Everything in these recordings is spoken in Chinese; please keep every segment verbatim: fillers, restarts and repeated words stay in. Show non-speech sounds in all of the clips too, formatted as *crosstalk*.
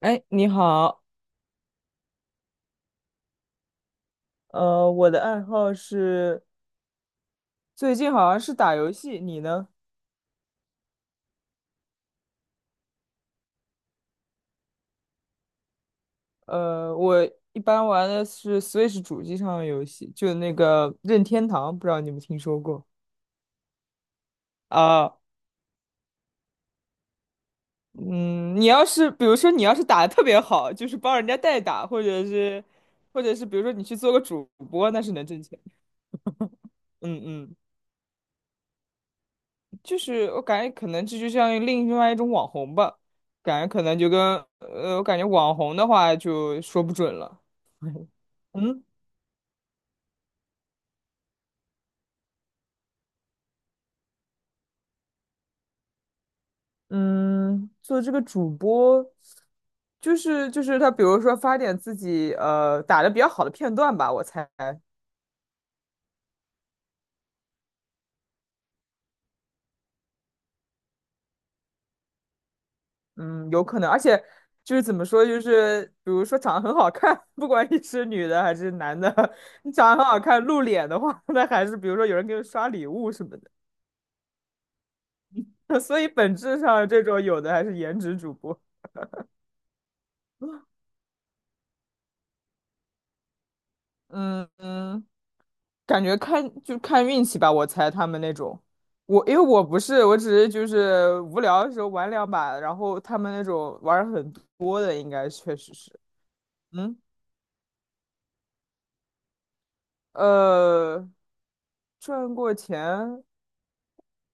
哎，你好，呃，我的爱好是最近好像是打游戏，你呢？呃，我一般玩的是 Switch 主机上的游戏，就那个任天堂，不知道你们听说过。啊？嗯，你要是比如说你要是打的特别好，就是帮人家代打，或者是或者是比如说你去做个主播，那是能挣钱。嗯嗯，就是我感觉可能这就像另外一种网红吧，感觉可能就跟呃，我感觉网红的话就说不准了。嗯。嗯，做这个主播，就是就是他，比如说发点自己呃打的比较好的片段吧，我猜，嗯，有可能，而且就是怎么说，就是比如说长得很好看，*laughs* 不管你是女的还是男的，*laughs* 你长得很好看，露脸的话，*laughs* 那还是比如说有人给你刷礼物什么的，*laughs* 所以本质上这种有的还是颜值主播，嗯嗯。感觉看就看运气吧，我猜他们那种，我因为我不是，我只是就是无聊的时候玩两把，然后他们那种玩儿很多的，应该确实是，嗯，呃，赚过钱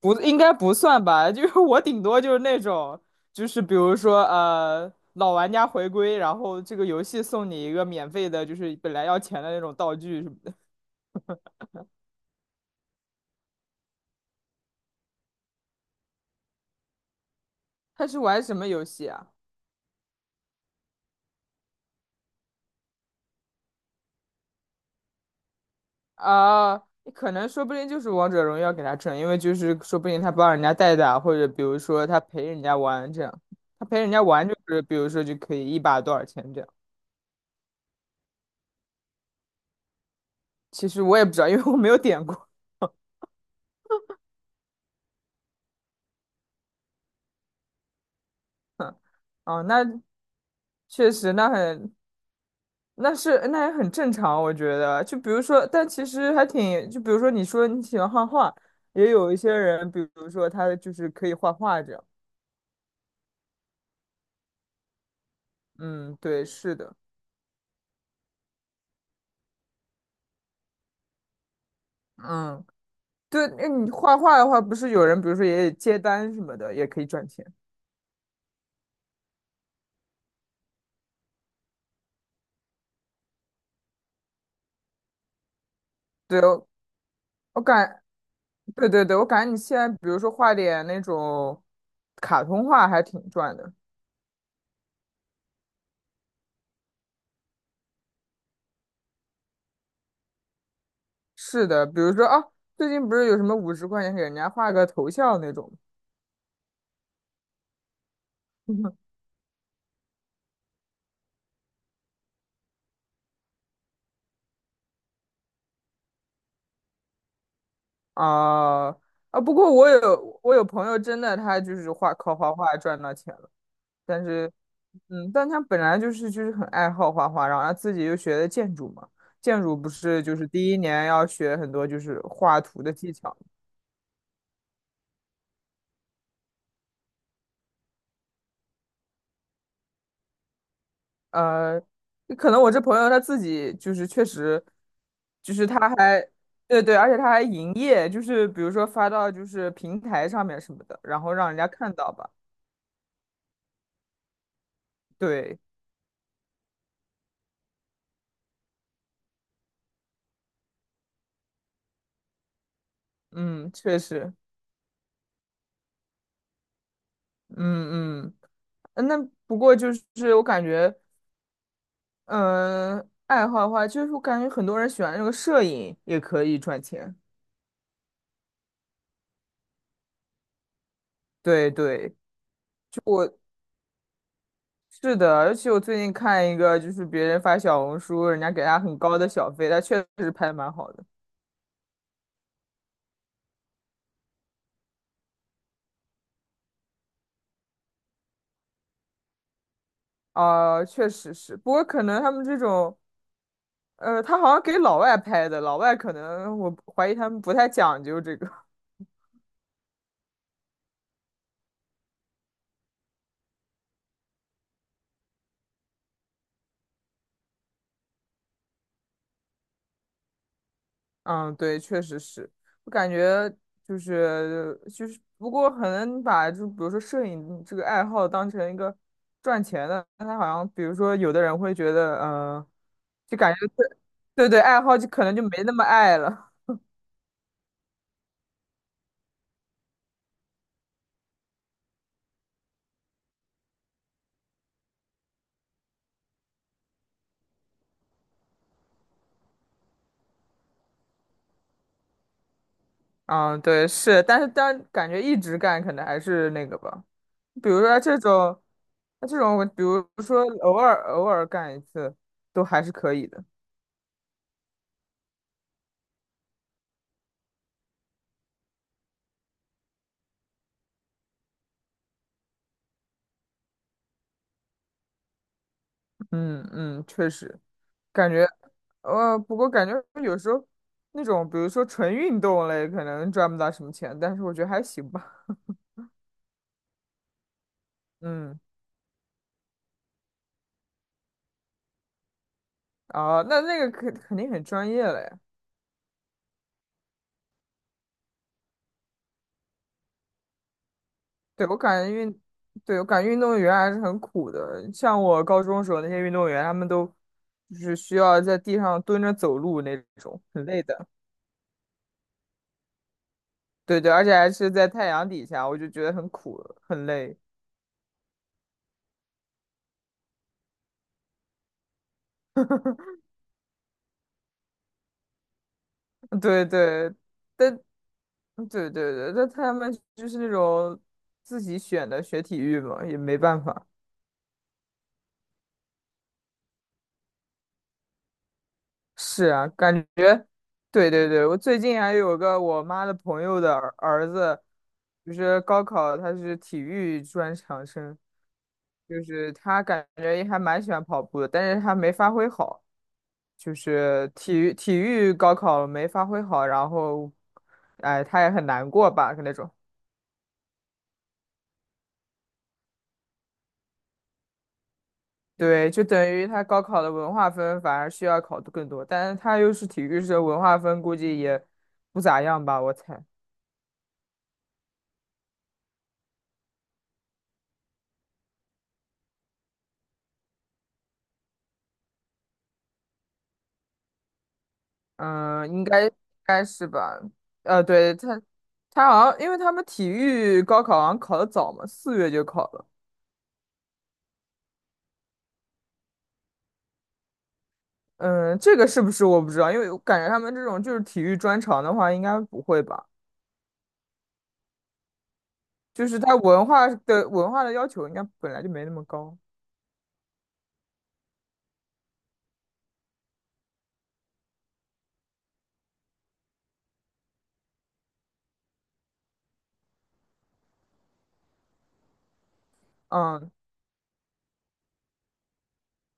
不应该不算吧，就是 *laughs* 我顶多就是那种，就是比如说呃老玩家回归，然后这个游戏送你一个免费的，就是本来要钱的那种道具什么的。*laughs* 他是玩什么游戏啊？啊，可能说不定就是王者荣耀给他挣，因为就是说不定他帮人家代打，或者比如说他陪人家玩这样，他陪人家玩就是比如说就可以一把多少钱这样。其实我也不知道，因为我没有点过。啊，那确实，那很，那是那也很正常，我觉得。就比如说，但其实还挺，就比如说你说你喜欢画画，也有一些人，比如说他就是可以画画这样。嗯，对，是的，嗯。对，那你画画的话，不是有人，比如说也接单什么的，也可以赚钱。对哦，我我感，对对对，我感觉你现在，比如说画点那种卡通画，还挺赚的。是的，比如说啊，最近不是有什么五十块钱给人家画个头像那种吗？ *laughs* 啊啊！不过我有我有朋友真的，他就是画靠画画赚到钱了，但是嗯，但他本来就是就是很爱好画画，然后他自己又学的建筑嘛，建筑不是就是第一年要学很多就是画图的技巧，呃，可能我这朋友他自己就是确实，就是他还对对，而且他还营业，就是比如说发到就是平台上面什么的，然后让人家看到吧，对，嗯，确实。嗯嗯，呃那不过就是我感觉，嗯，爱好的话，就是我感觉很多人喜欢那个摄影，也可以赚钱。对对，是的，而且我最近看一个，就是别人发小红书，人家给他很高的小费，他确实拍得蛮好的。啊、确实是，不过可能他们这种，呃，他好像给老外拍的，老外可能我怀疑他们不太讲究这个。嗯，对，确实是，我感觉就是就是，不过可能你把就比如说摄影这个爱好当成一个赚钱的，那他好像比如说有的人会觉得，嗯、就感觉对对对，爱好就可能就没那么爱了。嗯，对，是，但是但感觉一直干可能还是那个吧，比如说这种，那这种比如说偶尔偶尔干一次，都还是可以的。嗯嗯，确实。感觉，呃，不过感觉有时候那种，比如说纯运动类，可能赚不到什么钱，但是我觉得还行吧。嗯，啊，那那个肯肯定很专业了呀。对，我感觉运，对，我感觉运动员还是很苦的。像我高中时候那些运动员，他们都就是需要在地上蹲着走路那种，很累的。对对，而且还是在太阳底下，我就觉得很苦，很累。对对，但嗯对对对，那他们就是那种自己选的学体育嘛，也没办法。是啊，感觉，对对对，我最近还有个我妈的朋友的儿儿子，就是高考他是体育专场生，就是他感觉也还蛮喜欢跑步的，但是他没发挥好，就是体育体育高考没发挥好，然后，哎，他也很难过吧，那种。对，就等于他高考的文化分反而需要考的更多，但是他又是体育生，文化分估计也不咋样吧，我猜。嗯，应该应该是吧。呃，对，他他好像因为他们体育高考好像考的早嘛，四月就考了。嗯，这个是不是我不知道，因为我感觉他们这种就是体育专长的话，应该不会吧？就是他文化的文化的要求应该本来就没那么高。嗯，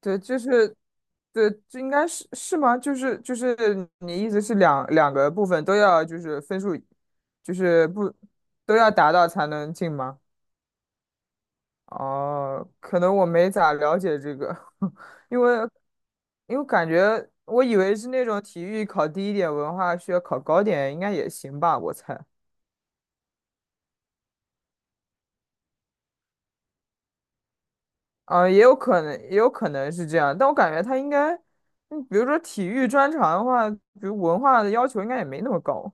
对，就是，对，就应该是，是吗？就是就是你意思是两两个部分都要就是分数，就是不都要达到才能进吗？哦，可能我没咋了解这个，*laughs* 因为因为感觉我以为是那种体育考低一点，文化需要考高点，应该也行吧，我猜。啊、也有可能，也有可能是这样，但我感觉他应该，嗯比如说体育专长的话，比如文化的要求应该也没那么高。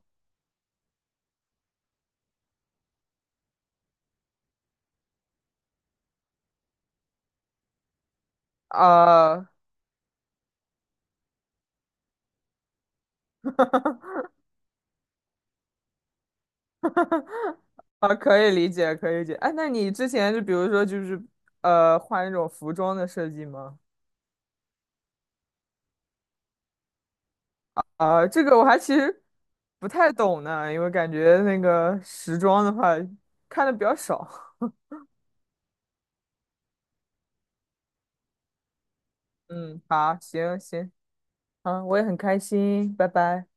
啊、啊，可以理解，可以理解。哎，那你之前就比如说就是呃，画那种服装的设计吗？啊，这个我还其实不太懂呢，因为感觉那个时装的话看的比较少。嗯，好，行行，好，我也很开心，拜拜。